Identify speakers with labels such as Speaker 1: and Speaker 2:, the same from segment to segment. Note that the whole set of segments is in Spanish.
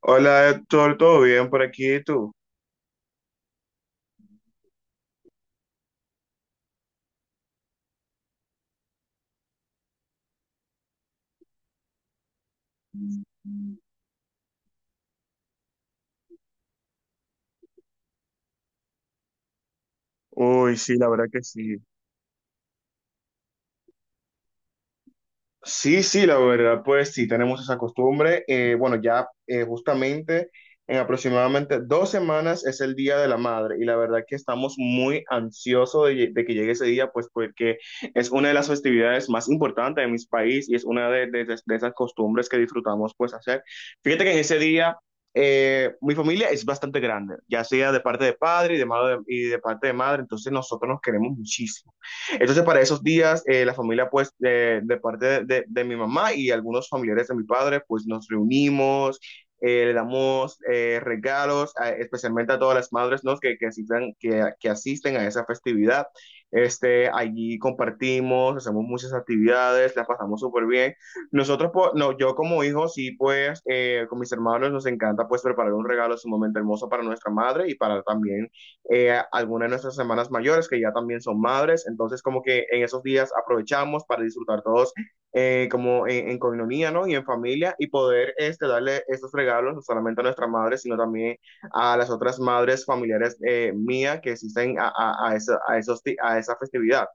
Speaker 1: Hola, Héctor, ¿todo bien por aquí? ¿Y tú? Uy, sí, la verdad que sí. Sí, sí, la verdad, pues sí, tenemos esa costumbre. Bueno, ya justamente en aproximadamente 2 semanas es el Día de la Madre y la verdad que estamos muy ansiosos de que llegue ese día, pues porque es una de las festividades más importantes de mi país y es una de esas costumbres que disfrutamos pues hacer. Fíjate que en ese día mi familia es bastante grande, ya sea de parte de padre y de madre, y de parte de madre, entonces nosotros nos queremos muchísimo. Entonces, para esos días, la familia, pues, de parte de mi mamá y algunos familiares de mi padre, pues nos reunimos, le damos regalos, especialmente a todas las madres, ¿no? Que asisten a esa festividad. Allí compartimos, hacemos muchas actividades, la pasamos súper bien. Nosotros, pues, no, yo como hijo, sí, pues, con mis hermanos nos encanta, pues, preparar un regalo sumamente hermoso para nuestra madre y para también algunas de nuestras hermanas mayores que ya también son madres, entonces como que en esos días aprovechamos para disfrutar todos, como en coinonía, ¿no? Y en familia y poder, darle estos regalos no solamente a nuestra madre, sino también a las otras madres familiares, mías que asisten a, esa, a, esos, di- a esa festividad.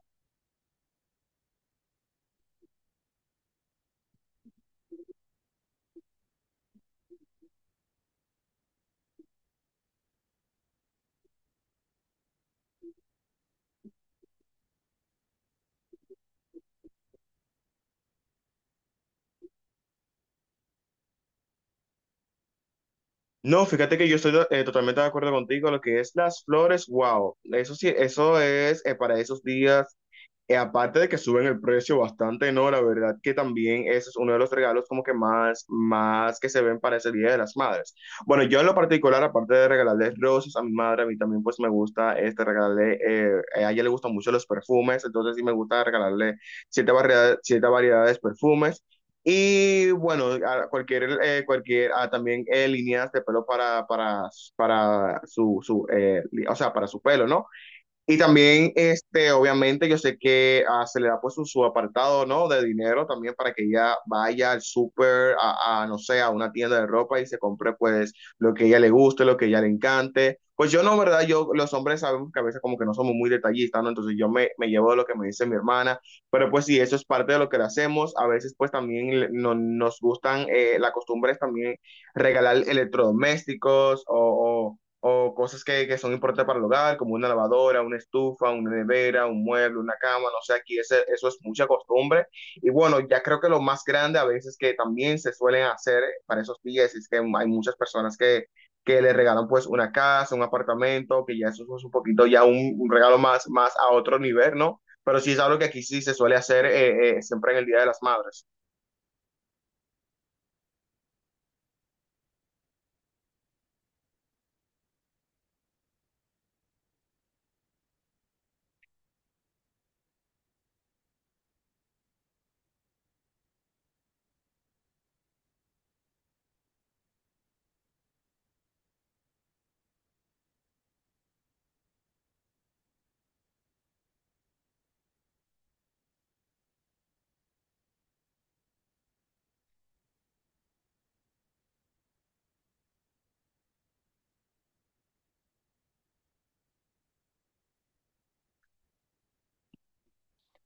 Speaker 1: No, fíjate que yo estoy, totalmente de acuerdo contigo. Lo que es las flores, wow, eso sí, eso es, para esos días, aparte de que suben el precio bastante, no, la verdad que también ese es uno de los regalos como que más, más que se ven para ese Día de las Madres. Bueno, yo en lo particular, aparte de regalarle rosas a mi madre, a mí también pues me gusta a ella le gustan mucho los perfumes, entonces sí me gusta regalarle cierta variedades de perfumes. Y bueno, a cualquier, a también, líneas de pelo para su o sea, para su pelo, ¿no? Y también, obviamente, yo sé que, se le da pues su apartado, ¿no? De dinero también para que ella vaya al súper, no sé, a una tienda de ropa y se compre pues lo que a ella le guste, lo que a ella le encante. Pues yo no, ¿verdad? Los hombres sabemos que a veces como que no somos muy detallistas, ¿no? Entonces yo me llevo de lo que me dice mi hermana, pero pues sí, eso es parte de lo que le hacemos. A veces pues también la costumbre es también regalar electrodomésticos o cosas que son importantes para el hogar, como una lavadora, una estufa, una nevera, un mueble, una cama, no sé, aquí eso es mucha costumbre. Y bueno, ya creo que lo más grande a veces que también se suelen hacer, para esos días es que hay muchas personas que le regalan pues una casa, un apartamento, que ya eso es un poquito ya un regalo más, más a otro nivel, ¿no? Pero sí es algo que aquí sí se suele hacer, siempre en el Día de las Madres.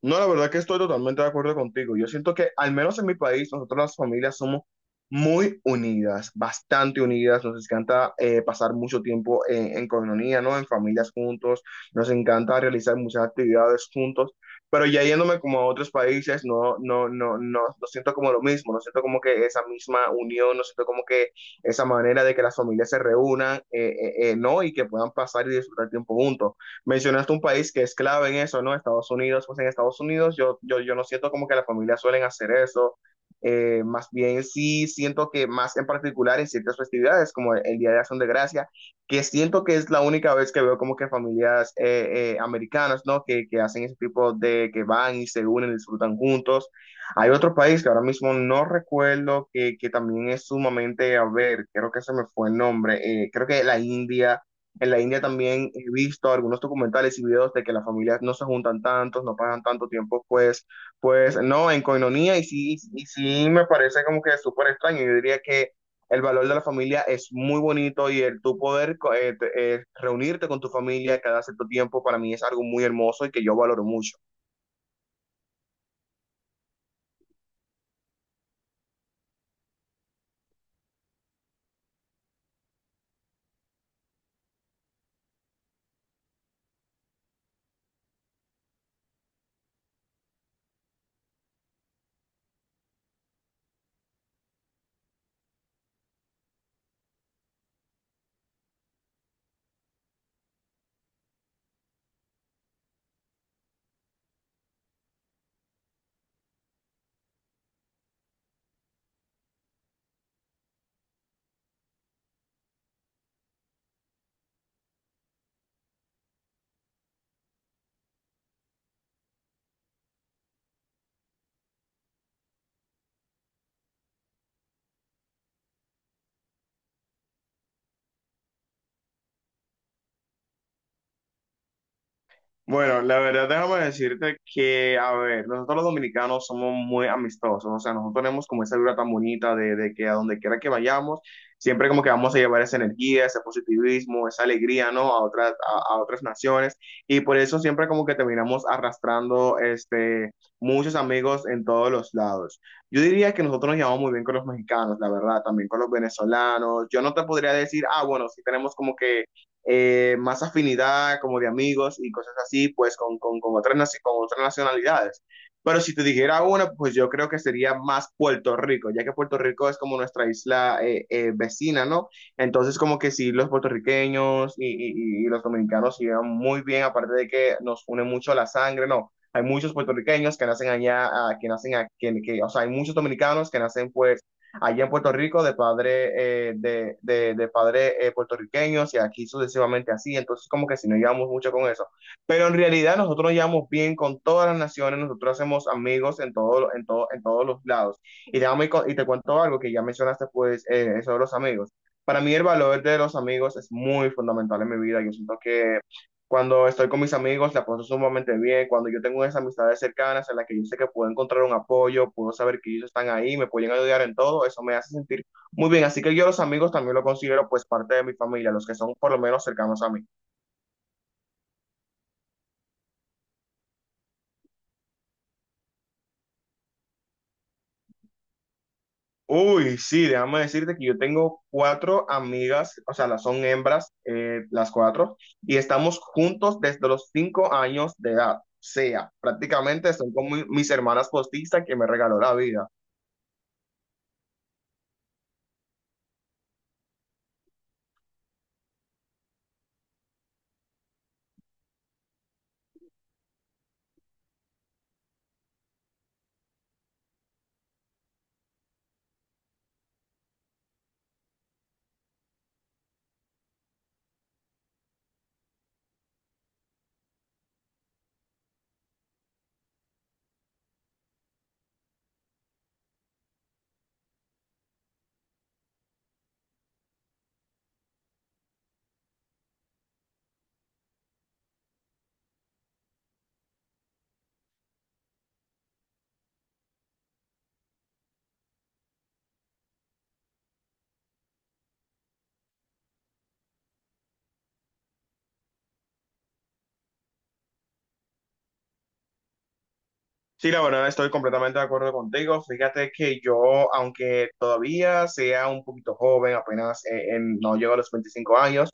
Speaker 1: No, la verdad que estoy totalmente de acuerdo contigo. Yo siento que, al menos en mi país, nosotros las familias somos muy unidas, bastante unidas. Nos encanta, pasar mucho tiempo en coinonía, ¿no? En familias juntos. Nos encanta realizar muchas actividades juntos. Pero ya yéndome como a otros países, no siento como lo mismo. No siento como que esa misma unión, no siento como que esa manera de que las familias se reúnan, ¿no? Y que puedan pasar y disfrutar tiempo juntos. Mencionaste un país que es clave en eso, ¿no? Estados Unidos. Pues en Estados Unidos yo no siento como que las familias suelen hacer eso. Más bien sí siento que más en particular en ciertas festividades como el Día de Acción de Gracia, que siento que es la única vez que veo como que familias, americanas, ¿no? Que hacen ese tipo de, que van y se unen, disfrutan juntos. Hay otro país que ahora mismo no recuerdo, que también es sumamente, a ver, creo que se me fue el nombre, creo que la India en la India también he visto algunos documentales y videos de que las familias no se juntan tantos, no pasan tanto tiempo, pues, no, en coinonía, y sí, me parece como que súper extraño. Yo diría que el valor de la familia es muy bonito y el tu poder reunirte con tu familia cada cierto tiempo para mí es algo muy hermoso y que yo valoro mucho. Bueno, la verdad, déjame decirte que, a ver, nosotros los dominicanos somos muy amistosos, o sea, nosotros tenemos como esa vibra tan bonita de que a donde quiera que vayamos, siempre como que vamos a llevar esa energía, ese positivismo, esa alegría, ¿no? A otras naciones, y por eso siempre como que terminamos arrastrando, muchos amigos en todos los lados. Yo diría que nosotros nos llevamos muy bien con los mexicanos, la verdad, también con los venezolanos. Yo no te podría decir, bueno, sí tenemos como que, más afinidad como de amigos y cosas así, pues con otras nacionalidades. Pero si te dijera una, pues yo creo que sería más Puerto Rico, ya que Puerto Rico es como nuestra isla, vecina, ¿no? Entonces como que sí, los puertorriqueños y los dominicanos se llevan muy bien, aparte de que nos une mucho la sangre, ¿no? Hay muchos puertorriqueños que nacen allá, que nacen aquí, o sea, hay muchos dominicanos que nacen pues allá en Puerto Rico de padre puertorriqueños, y aquí sucesivamente así. Entonces, como que si no llevamos mucho con eso. Pero en realidad nosotros nos llevamos bien con todas las naciones, nosotros hacemos amigos en todos los lados. Y te, y te cuento algo que ya mencionaste, pues, eso de los amigos. Para mí el valor de los amigos es muy fundamental en mi vida. Yo siento que cuando estoy con mis amigos, la paso sumamente bien. Cuando yo tengo esas amistades cercanas en las que yo sé que puedo encontrar un apoyo, puedo saber que ellos están ahí, me pueden ayudar en todo, eso me hace sentir muy bien. Así que yo los amigos también lo considero pues parte de mi familia, los que son por lo menos cercanos a mí. Uy, sí, déjame decirte que yo tengo cuatro amigas, o sea, las son hembras, las cuatro, y estamos juntos desde los 5 años de edad. O sea, prácticamente son como mis hermanas postizas que me regaló la vida. Sí, la verdad estoy completamente de acuerdo contigo. Fíjate que yo, aunque todavía sea un poquito joven, apenas, no llego a los 25 años,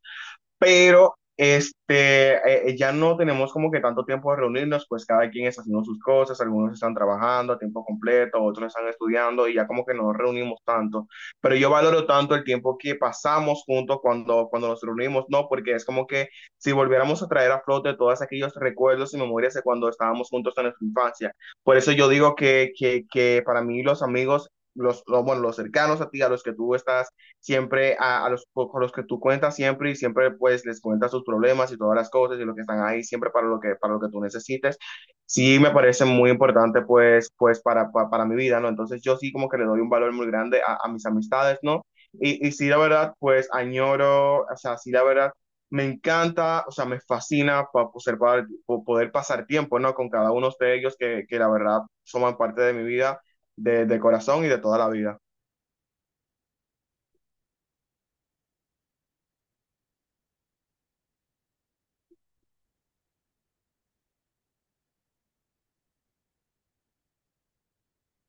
Speaker 1: pero ya no tenemos como que tanto tiempo de reunirnos, pues cada quien está haciendo sus cosas, algunos están trabajando a tiempo completo, otros están estudiando y ya como que no nos reunimos tanto. Pero yo valoro tanto el tiempo que pasamos juntos cuando nos reunimos, ¿no? Porque es como que si volviéramos a traer a flote todos aquellos recuerdos y memorias de cuando estábamos juntos en nuestra infancia. Por eso yo digo que para mí los amigos... Bueno, los cercanos a ti, a los que tú estás siempre a los con los que tú cuentas siempre y siempre pues les cuentas sus problemas y todas las cosas y lo que están ahí siempre para lo que tú necesites. Sí me parece muy importante pues para mi vida, ¿no? Entonces yo sí como que le doy un valor muy grande a mis amistades, ¿no? Y, sí, la verdad, pues añoro, o sea, sí, la verdad, me encanta, o sea, me fascina para poder, pasar tiempo, ¿no? Con cada uno de ellos que la verdad, forman parte de mi vida, de corazón y de toda la vida.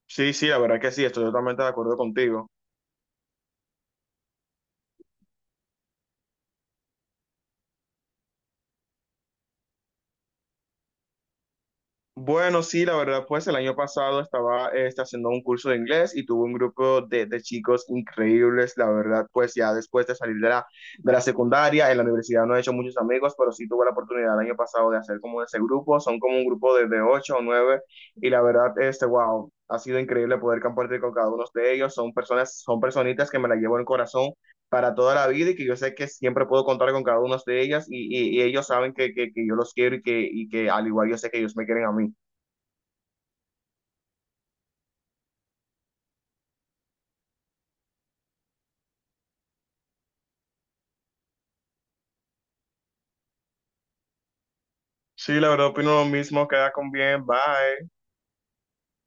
Speaker 1: Sí, sí, la verdad que sí, estoy totalmente de acuerdo contigo. Bueno, sí, la verdad, pues el año pasado estaba, haciendo un curso de inglés y tuve un grupo de chicos increíbles, la verdad, pues ya después de salir de la, secundaria, en la universidad no he hecho muchos amigos, pero sí tuve la oportunidad el año pasado de hacer como ese grupo, son como un grupo de ocho o nueve, y la verdad, wow, ha sido increíble poder compartir con cada uno de ellos, son personas, son personitas que me la llevo en el corazón para toda la vida y que yo sé que siempre puedo contar con cada una de ellas y ellos saben que yo los quiero y que al igual yo sé que ellos me quieren a mí. Sí, la verdad opino lo mismo, queda con bien, bye.